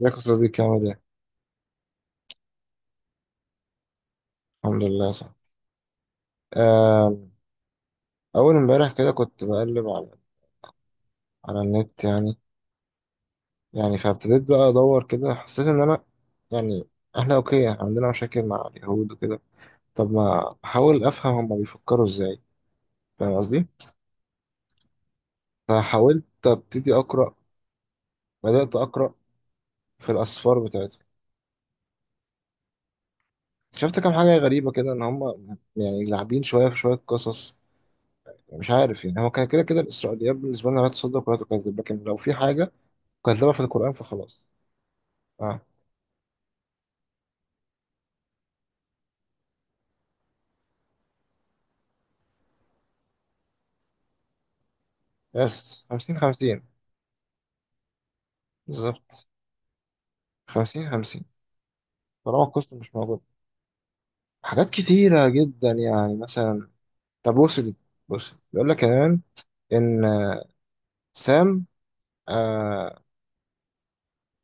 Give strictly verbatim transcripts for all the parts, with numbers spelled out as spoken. ازيك يا صديقي، عامل ايه؟ الحمد لله. صح. آم، أول امبارح كده كنت بقلب على على النت، يعني. يعني فابتديت بقى أدور كده، حسيت إن أنا يعني إحنا أوكي، إحنا عندنا مشاكل مع اليهود وكده. طب ما أحاول أفهم هما بيفكروا إزاي، فاهم قصدي؟ فحاولت أبتدي أقرأ. بدأت أقرأ في الأسفار بتاعتهم. شفت كام حاجة غريبة كده، إن هما يعني لاعبين شوية في شوية قصص. مش عارف، يعني هو كان كده كده الإسرائيليات بالنسبة لنا لا تصدق ولا تكذب، لكن لو في حاجة كذابة في القرآن فخلاص. اه، يس. خمسين خمسين، بالظبط. خمسين خمسين، طالما القسط مش موجود. حاجات كتيرة جدا، يعني مثلا. طب بص دي، بص بيقول لك كمان إن آه، سام. آه،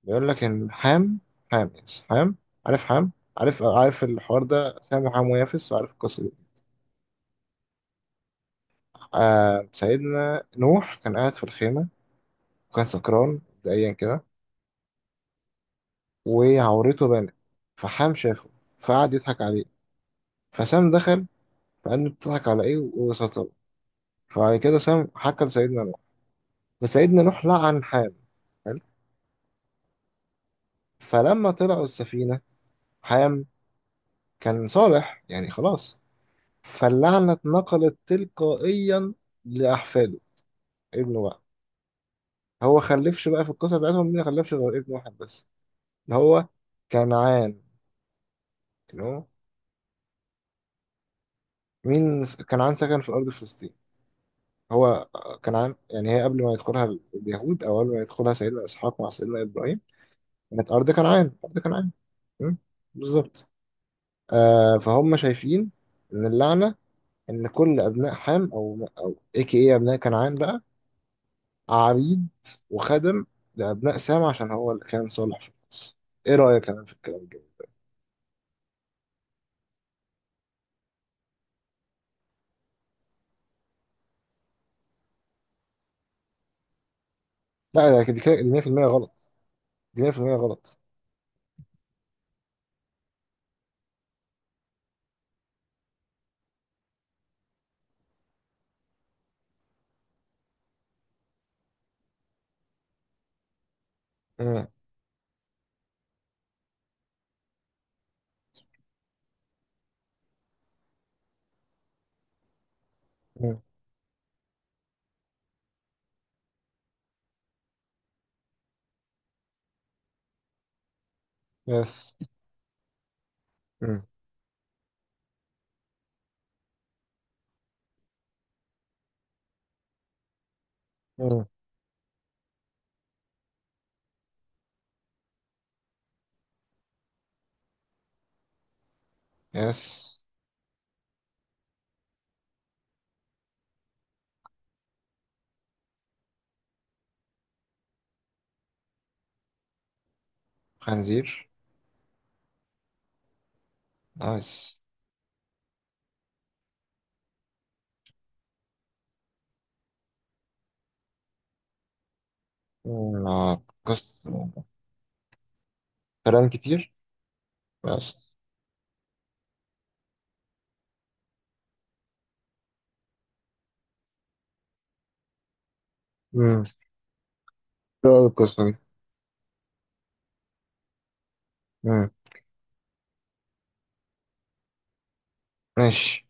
بيقول لك إن حام. حام، يس، حام. عارف حام. عارف عارف الحوار ده، سام وحام ويافس، وعارف القصة دي. آه سيدنا نوح كان قاعد في الخيمة، وكان سكران مبدئيا كده، وعورته بانت. فحام شافه، فقعد يضحك عليه. فسام دخل، فقال له بتضحك على ايه؟ فبعد كده سام حكى لسيدنا نوح، فسيدنا نوح لعن حام. حلو؟ فلما طلعوا السفينة، حام كان صالح، يعني خلاص. فاللعنة اتنقلت تلقائيا لأحفاده. ابنه بقى، هو خلفش بقى في القصة بتاعتهم؟ مين خلفش غير ابن واحد بس، اللي هو كنعان. اللي هو مين س- كنعان سكن في أرض فلسطين. هو كنعان، يعني هي قبل ما يدخلها اليهود، أو قبل ما يدخلها سيدنا إسحاق مع سيدنا إبراهيم، كانت أرض كنعان، أرض كنعان. مم، بالظبط. آه فهم شايفين ان اللعنه، ان كل ابناء حام او او اي كي اي ابناء كنعان بقى عبيد وخدم لابناء سام، عشان هو اللي كان صالح في القصه. ايه رايك انا في الكلام ده؟ لا، ده كده مية في المية غلط. دي مية في المية غلط. مم. مم. يس. مم. مم. يس. خنزير. نايس. مم. آه، قصة. كلام كتير. يس. مم. إيه رأيك القصة دي؟ مم. ماشي.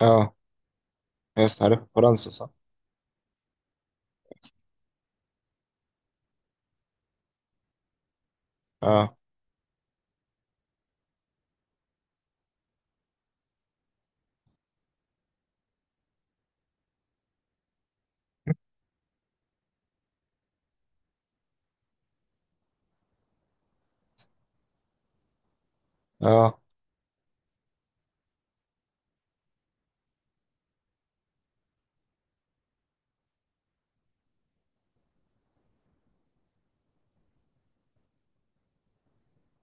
اه، يس، عارف فرنسا، صح. اه، اه.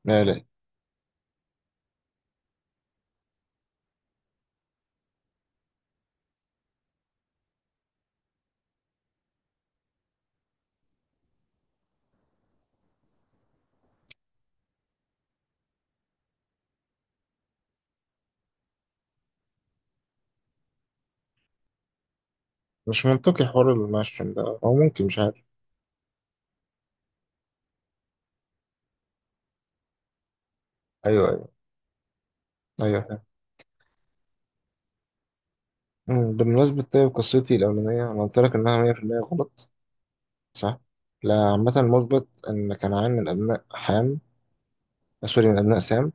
لا، لا. مش منطقي حوار المشتم ده، او ممكن مش عارف. ايوه، ايوه. ايوه، فاهم. مم، بمناسبة، طيب قصتي الأولانية أنا قلت لك إنها مية في المية غلط، صح؟ لا، عامة المثبت إن كنعان من أبناء حام، سوري من أبناء سام.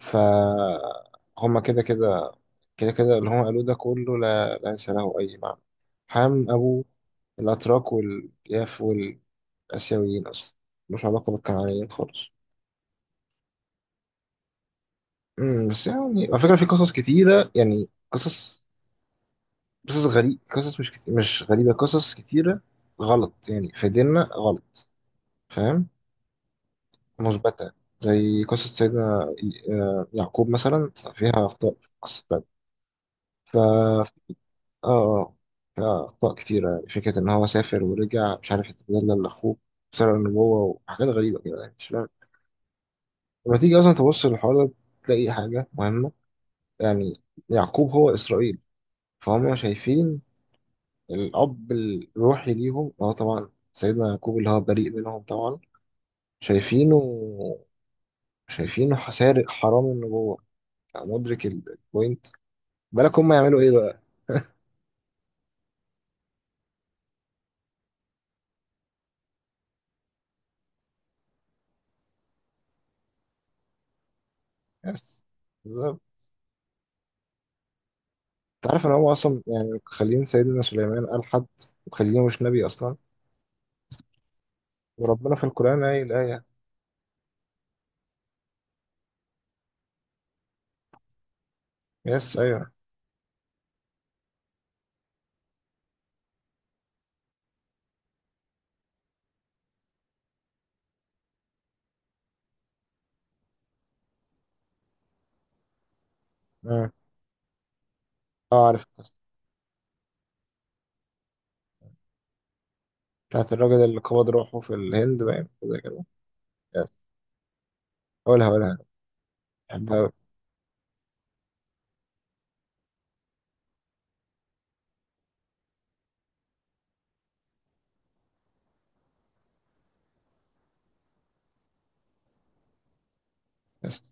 فهم كده كده، كده كده اللي هم قالوه ده كله لا ليس له أي معنى. حام أبو الأتراك والياف والآسيويين أصلا، ملوش علاقة بالكنعانيين خالص. مم، بس يعني على فكرة في قصص كتيرة، يعني قصص، قصص غريب، قصص مش كتير، مش غريبة، قصص كتيرة غلط يعني في ديننا غلط، فاهم؟ مثبتة. زي قصة سيدنا ي- آه، يعقوب مثلا فيها أخطاء، في قصة بعد. ف اه آه، فيها أخطاء كتيرة. يعني فكرة إن هو سافر ورجع، مش عارف يتدلل لأخوه، سرق النبوة وحاجات غريبة كده، يعني مش فاهم. لما تيجي أصلا تبص للحوار ده تلاقي حاجة مهمة. يعني يعقوب هو إسرائيل. فهم شايفين الأب الروحي ليهم هو طبعا سيدنا يعقوب، اللي هو بريء منهم طبعا، شايفينه، شايفينه سارق حرام النبوة. مدرك ال- البوينت. بالك هم يعملوا إيه بقى؟ بس بالظبط. تعرف إن هم أصلا يعني خالين سيدنا سليمان قال حد، وخالينه مش نبي أصلا. وربنا في القرآن قايل الآية. يس، أيوه. أه. آه، عارف بتاعت الراجل اللي قبض روحه في الهند، باين زي كده. يس، قولها قولها. بحبها أوي. يس.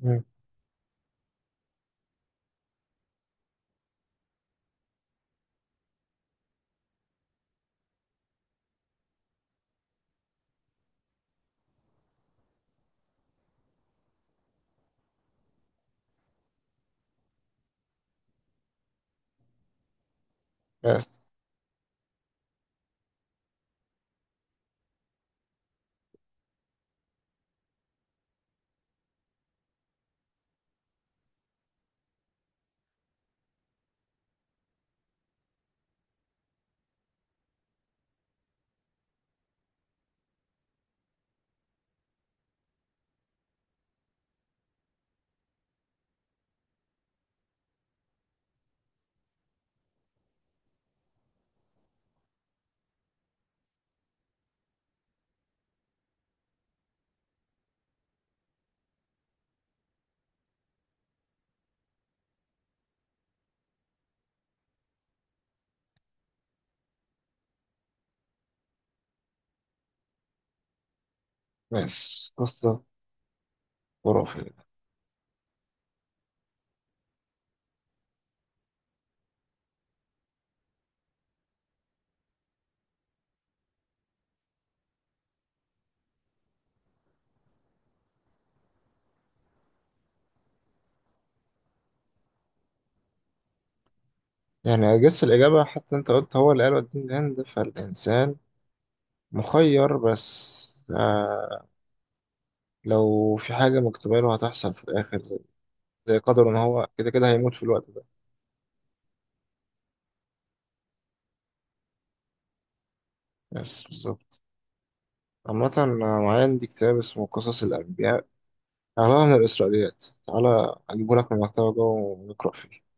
مم. يس. يس، قصة خرافية. يعني أجس الإجابة، حتى أنت قلت هو اللي قال وديني الهند، فالإنسان مخير، بس آه لو في حاجة مكتوبة له هتحصل في الآخر، زي, زي قدره إن هو كده كده هيموت في الوقت ده. بس بالظبط. عامة أنا معايا عندي كتاب اسمه قصص الأنبياء، أغلبها من الإسرائيليات، تعالى أجيبه لك من المكتبة جوه ونقرأ فيه.